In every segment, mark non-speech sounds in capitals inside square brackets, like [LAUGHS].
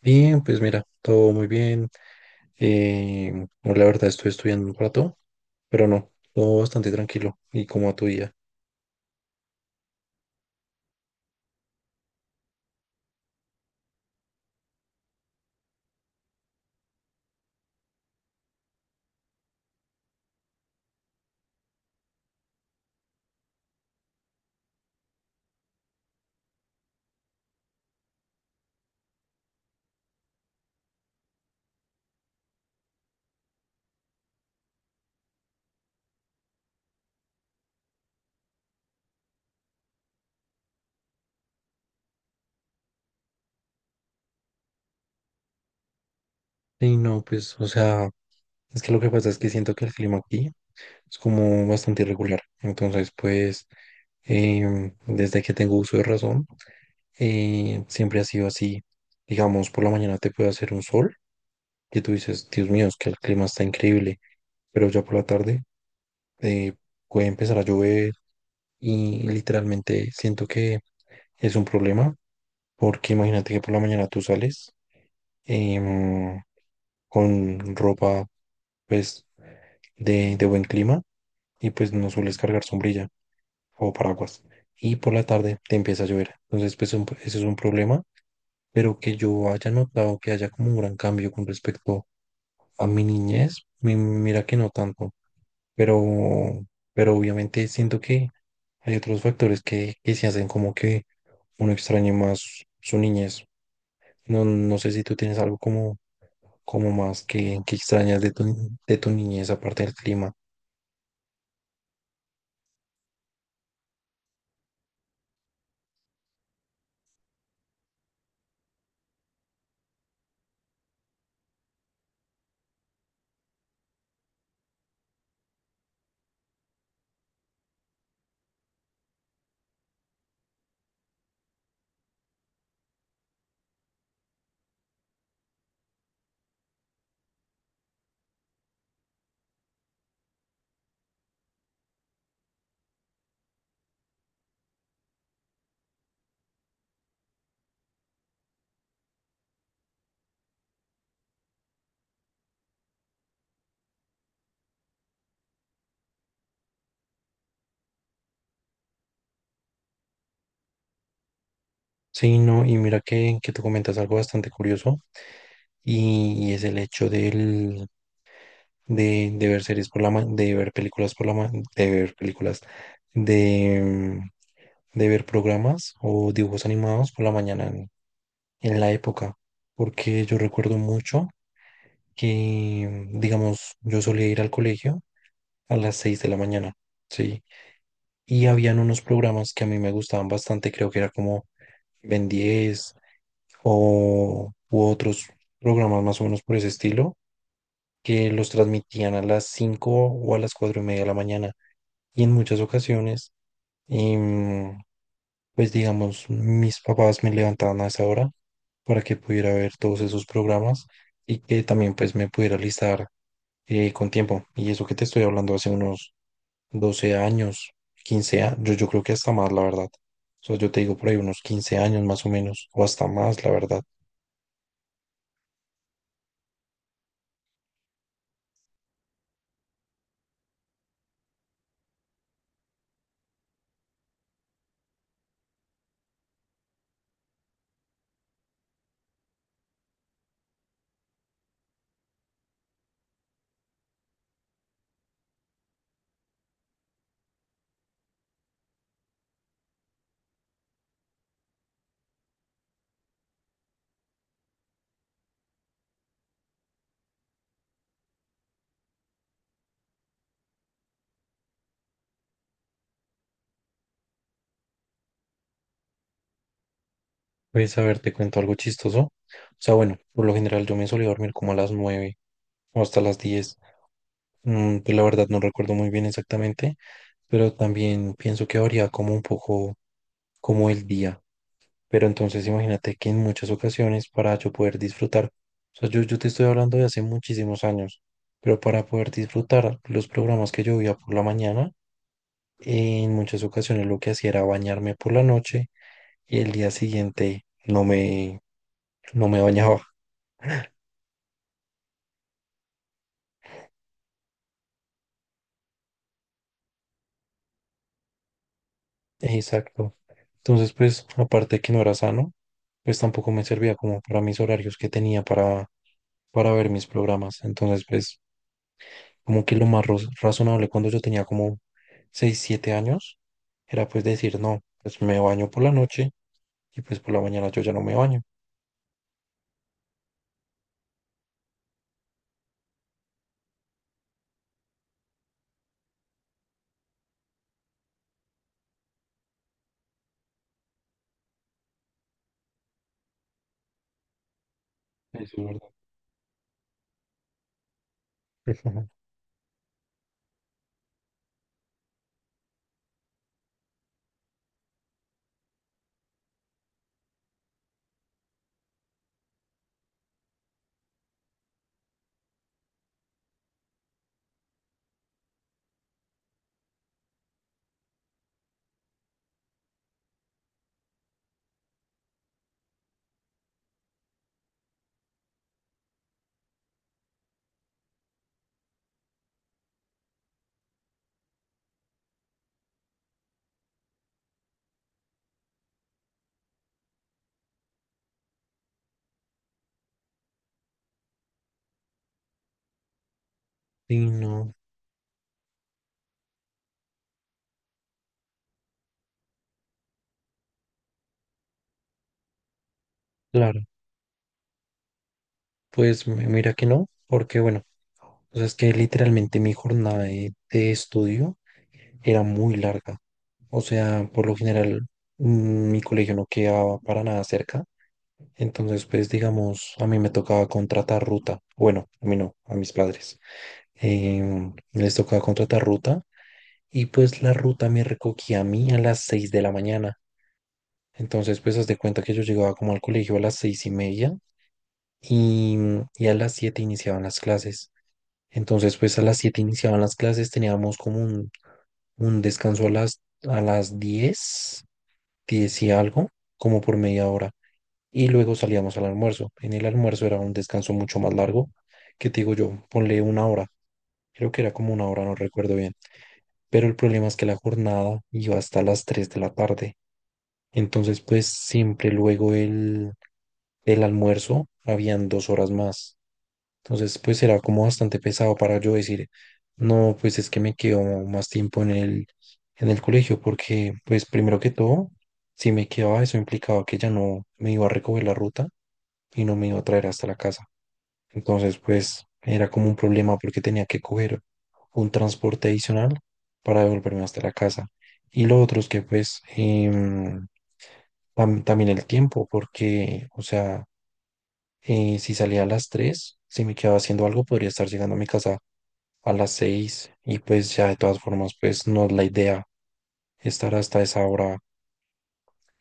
Bien, pues mira, todo muy bien. Eh, bueno, la verdad estoy estudiando un rato, pero no, todo bastante tranquilo y como a tu día. Y no, pues, o sea, es que lo que pasa es que siento que el clima aquí es como bastante irregular. Entonces, pues, desde que tengo uso de razón, siempre ha sido así. Digamos, por la mañana te puede hacer un sol que tú dices, Dios mío, es que el clima está increíble, pero ya por la tarde eh, puede empezar a llover y literalmente siento que es un problema, porque imagínate que por la mañana tú sales, em, con ropa pues de buen clima, y pues no sueles cargar sombrilla o paraguas y por la tarde te empieza a llover. Entonces pues ese es un problema, pero que yo haya notado que haya como un gran cambio con respecto a mi niñez, mira que no tanto, pero, pero obviamente siento que hay otros factores que se hacen como que uno extrañe más su niñez. No, no sé si tú tienes algo como, como más que extrañas de tu niñez, aparte del clima. Sí, no, y mira que tú comentas algo bastante curioso y es el hecho del, de ver series por la ma- de ver películas por la ma- de ver películas, de, de ver programas o dibujos animados por la mañana en la época, porque yo recuerdo mucho que, digamos, yo solía ir al colegio a las 6 de la mañana, ¿sí? Y habían unos programas que a mí me gustaban bastante, creo que era como Ben 10 o u otros programas más o menos por ese estilo, que los transmitían a las 5 o a las 4 y media de la mañana. Y en muchas ocasiones em, pues digamos, mis papás me levantaban a esa hora para que pudiera ver todos esos programas y que también pues me pudiera listar, con tiempo. Y eso que te estoy hablando hace unos 12 años, 15 años, yo creo que hasta más, la verdad. O sea, yo te digo por ahí unos 15 años más o menos, o hasta más, la verdad. Pues a ver, te cuento algo chistoso. O sea, bueno, por lo general yo me solía dormir como a las 9 o hasta las 10. Pues la verdad no recuerdo muy bien exactamente, pero también pienso que varía como un poco como el día. Pero entonces imagínate que en muchas ocasiones para yo poder disfrutar, o sea, yo te estoy hablando de hace muchísimos años, pero para poder disfrutar los programas que yo veía por la mañana, en muchas ocasiones lo que hacía era bañarme por la noche y el día siguiente no me bañaba. Exacto. Entonces, pues, aparte de que no era sano, pues tampoco me servía como para mis horarios que tenía para ver mis programas. Entonces, pues, como que lo más razonable cuando yo tenía como 6 7 años, era pues decir, no, pues me baño por la noche y pues por la mañana yo ya no me baño. Eso es verdad. [LAUGHS] Sí, no, claro. Pues mira que no, porque bueno, o sea, es que literalmente mi jornada de estudio era muy larga. O sea, por lo general, mi colegio no quedaba para nada cerca. Entonces, pues digamos, a mí me tocaba contratar ruta. Bueno, a mí no, a mis padres. Les tocaba contratar ruta y pues la ruta me recogía a mí a las 6 de la mañana. Entonces, pues haz de cuenta que yo llegaba como al colegio a las 6 y media y, y a las 7 iniciaban las clases. Entonces, pues a las 7 iniciaban las clases, teníamos como un descanso a las diez, 10 y algo, como por media hora. Y luego salíamos al almuerzo. En el almuerzo era un descanso mucho más largo, que te digo yo, ponle 1 hora. Creo que era como 1 hora, no recuerdo bien. Pero el problema es que la jornada iba hasta las 3 de la tarde. Entonces, pues siempre luego el almuerzo habían 2 horas más. Entonces, pues será como bastante pesado para yo decir, no, pues es que me quedo más tiempo en el colegio, porque, pues primero que todo, si me quedaba, eso implicaba que ya no me iba a recoger la ruta y no me iba a traer hasta la casa. Entonces, pues era como un problema porque tenía que coger un transporte adicional para devolverme hasta la casa. Y lo otro es que, pues, también el tiempo, porque, o sea, si salía a las 3, si me quedaba haciendo algo, podría estar llegando a mi casa a las 6 y pues ya de todas formas pues no es la idea estar hasta esa hora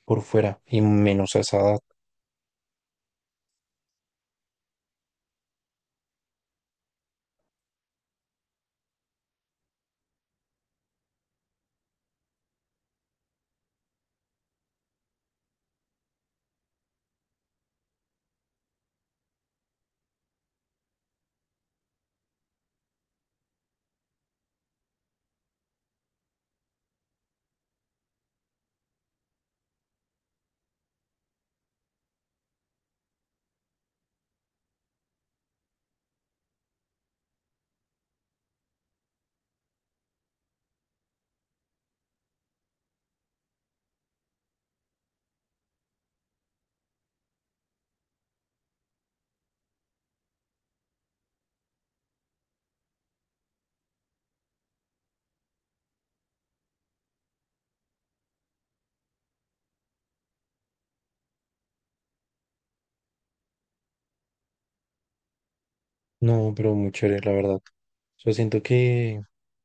por fuera y menos a esa edad. No, pero muy chévere, la verdad. Yo siento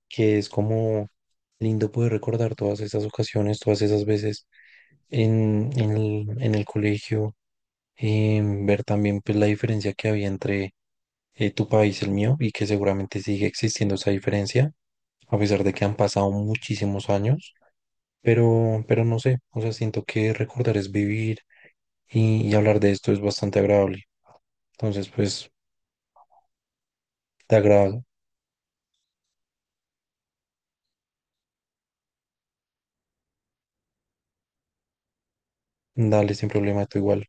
que es como lindo poder recordar todas esas ocasiones, todas esas veces en el colegio, ver también pues la diferencia que había entre tu país y el mío y que seguramente sigue existiendo esa diferencia, a pesar de que han pasado muchísimos años. Pero no sé, o sea, siento que recordar es vivir y hablar de esto es bastante agradable. Entonces, pues, te agrado, dale sin problema, tú igual.